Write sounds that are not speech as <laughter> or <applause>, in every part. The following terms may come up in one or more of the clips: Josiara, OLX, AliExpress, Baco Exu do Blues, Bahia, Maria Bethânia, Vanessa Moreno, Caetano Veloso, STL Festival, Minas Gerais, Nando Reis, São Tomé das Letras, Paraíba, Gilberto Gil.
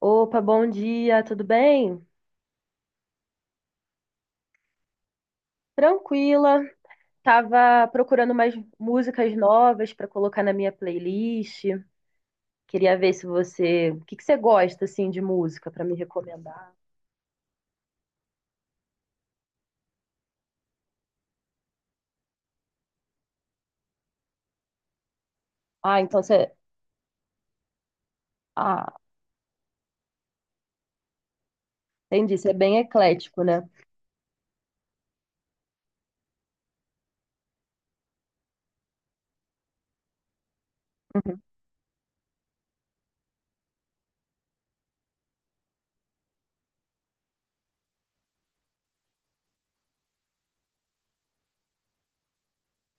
Opa, bom dia, tudo bem? Tranquila. Tava procurando umas músicas novas para colocar na minha playlist. Queria ver se você, o que que você gosta assim de música para me recomendar? Ah, então você, ah, entendi, você é bem eclético, né? Uhum.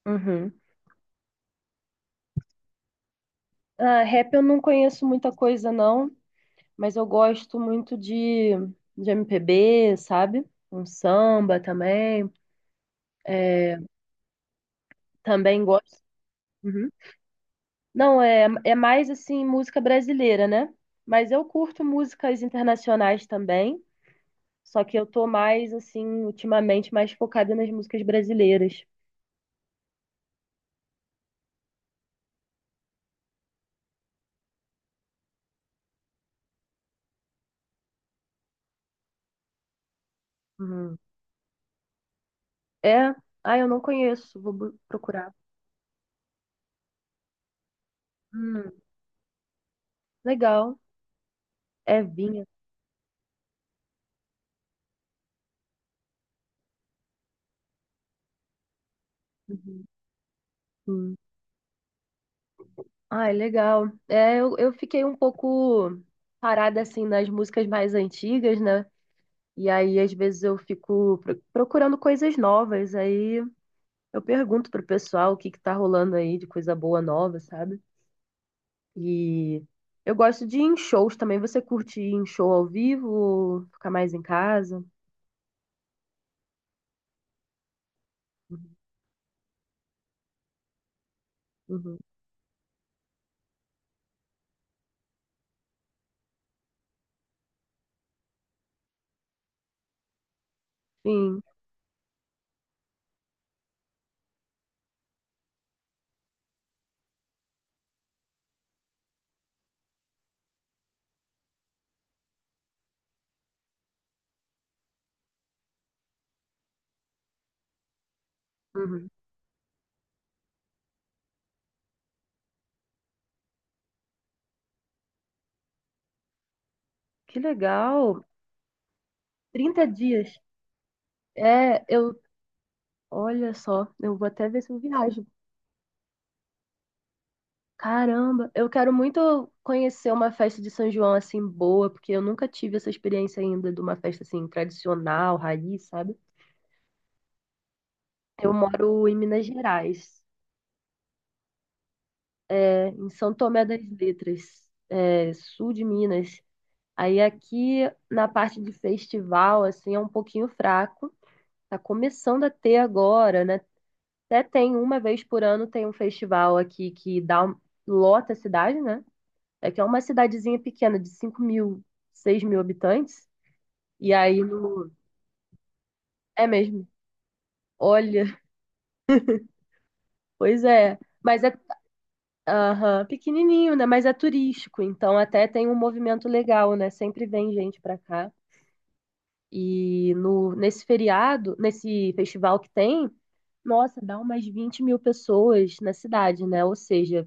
Uhum. Ah, rap eu não conheço muita coisa não, mas eu gosto muito de MPB, sabe? Um samba também. Também gosto. Uhum. Não, é mais assim música brasileira, né? Mas eu curto músicas internacionais também, só que eu tô mais assim ultimamente mais focada nas músicas brasileiras. Hum. É, ah, eu não conheço, vou procurar. Hum, legal. É vinha. Uhum. Sim. Ah, é legal. É, eu fiquei um pouco parada assim nas músicas mais antigas, né? E aí às vezes eu fico procurando coisas novas, aí eu pergunto pro pessoal o que que tá rolando aí de coisa boa nova, sabe? E eu gosto de ir em shows também. Você curte ir em show ao vivo ou ficar mais em casa? Uhum, uhum. Sim. Uhum. Que legal. 30 dias. É, eu. Olha só, eu vou até ver se eu viajo. Caramba, eu quero muito conhecer uma festa de São João assim boa, porque eu nunca tive essa experiência ainda de uma festa assim tradicional, raiz, sabe? Eu moro em Minas Gerais. É, em São Tomé das Letras, é, sul de Minas. Aí aqui na parte de festival, assim, é um pouquinho fraco. Tá começando a ter agora, né? Até tem uma vez por ano tem um festival aqui que dá lota a cidade, né? É que é uma cidadezinha pequena de 5.000, 6.000 habitantes. E aí no... É mesmo. Olha, <laughs> pois é. Mas é aham, pequenininho, né? Mas é turístico, então até tem um movimento legal, né? Sempre vem gente pra cá. E no, nesse feriado, nesse festival que tem, nossa, dá umas 20.000 pessoas na cidade, né? Ou seja,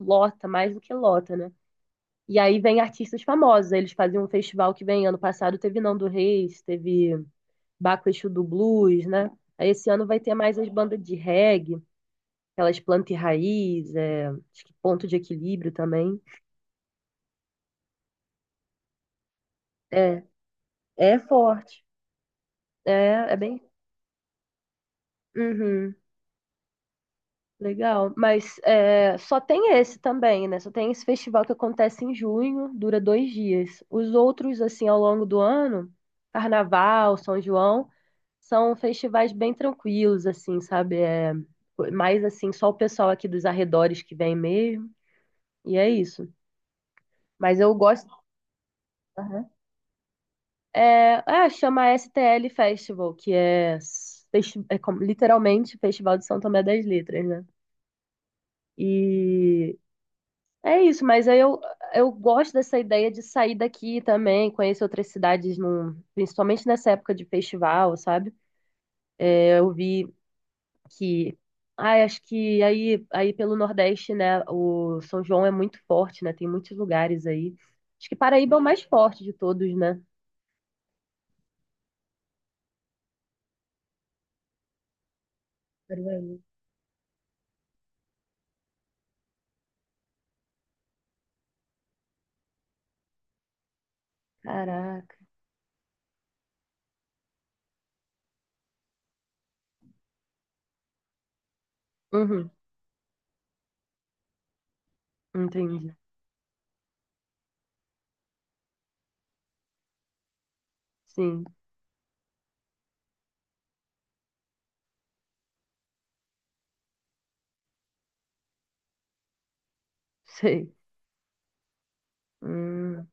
lota, mais do que lota, né? E aí vem artistas famosos. Aí eles fazem um festival que vem ano passado, teve Nando Reis, teve Baco Exu do Blues, né? Aí esse ano vai ter mais as bandas de reggae, aquelas planta e raiz, é, acho que ponto de equilíbrio também. É, é forte. É bem. Uhum. Legal, mas é, só tem esse também, né? Só tem esse festival que acontece em junho, dura 2 dias. Os outros, assim, ao longo do ano, Carnaval, São João, são festivais bem tranquilos, assim, sabe? É, mais assim, só o pessoal aqui dos arredores que vem mesmo, e é isso. Mas eu gosto. Aham. É, ah, chama STL Festival, que é, literalmente Festival de São Tomé das Letras, né? E É isso, mas aí eu gosto dessa ideia de sair daqui também, conhecer outras cidades, num, principalmente nessa época de festival, sabe? É, eu vi que, ai, acho que aí pelo Nordeste, né, o São João é muito forte, né? Tem muitos lugares aí. Acho que Paraíba é o mais forte de todos, né? Paraíba. Caraca. Uhum, entendi. Sim, <laughs> sei. Hum,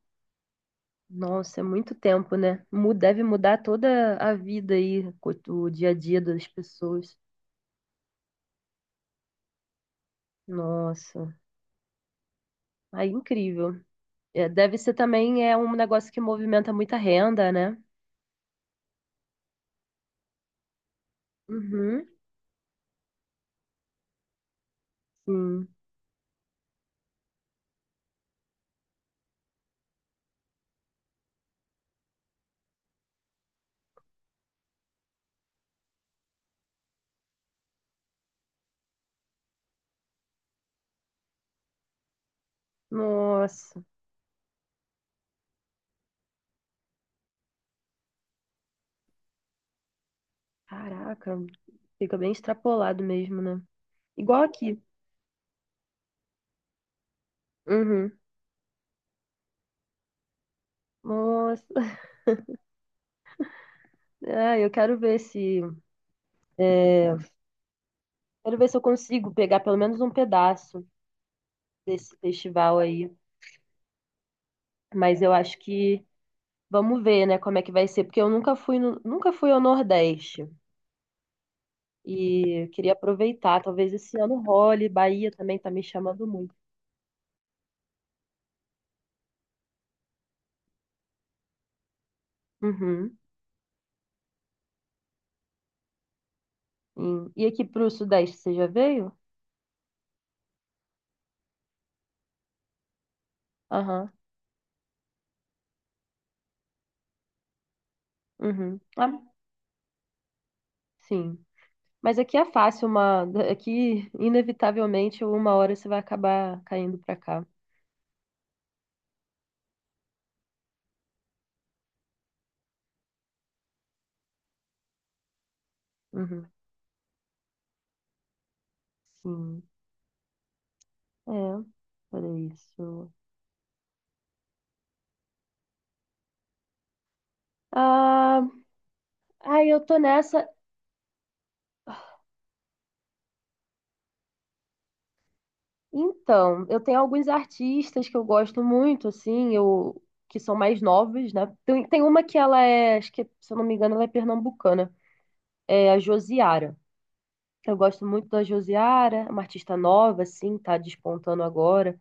nossa, é muito tempo, né? Deve mudar toda a vida aí, o dia a dia das pessoas. Nossa, aí incrível. É, deve ser também é um negócio que movimenta muita renda, né? Uhum, sim. Nossa, caraca, fica bem extrapolado mesmo, né? Igual aqui. Uhum. Nossa, <laughs> ah, eu quero ver se, é, quero ver se eu consigo pegar pelo menos um pedaço desse festival aí. Mas eu acho que vamos ver, né, como é que vai ser, porque eu nunca fui no, nunca fui ao Nordeste. E queria aproveitar, talvez esse ano role, Bahia também tá me chamando muito. Uhum. Sim. E aqui pro Sudeste, você já veio? Aham. Uhum. Ah, sim. Mas aqui é fácil, aqui inevitavelmente uma hora você vai acabar caindo pra cá. Uhum. Sim. É, por isso. Ah, ai, eu tô nessa então, eu tenho alguns artistas que eu gosto muito, assim, que são mais novos, né? Tem uma que ela é, acho que, se eu não me engano, ela é pernambucana, é a Josiara. Eu gosto muito da Josiara, é uma artista nova, assim, tá despontando agora.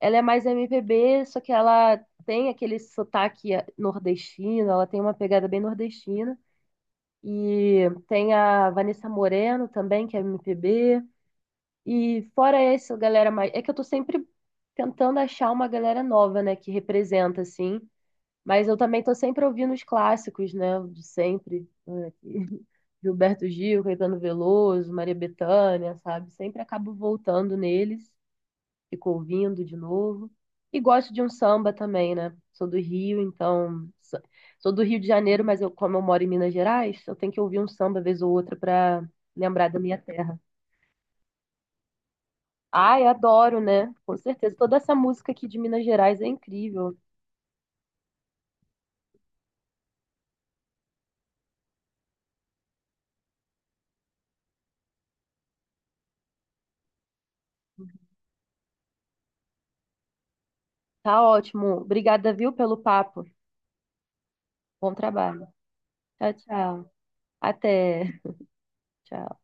Ela é mais MPB, só que ela tem aquele sotaque nordestino, ela tem uma pegada bem nordestina. E tem a Vanessa Moreno também, que é MPB. E fora essa galera mais. É que eu tô sempre tentando achar uma galera nova, né, que representa, assim. Mas eu também tô sempre ouvindo os clássicos, né, de sempre. <laughs> Gilberto Gil, Caetano Veloso, Maria Bethânia, sabe? Sempre acabo voltando neles, fico ouvindo de novo. E gosto de um samba também, né? Sou do Rio, então. Sou do Rio de Janeiro, mas eu, como eu moro em Minas Gerais, eu tenho que ouvir um samba vez ou outra pra lembrar da minha terra. Ai, adoro, né? Com certeza. Toda essa música aqui de Minas Gerais é incrível. Tá ótimo. Obrigada, viu, pelo papo. Bom trabalho. Tchau, tchau. Até. Tchau.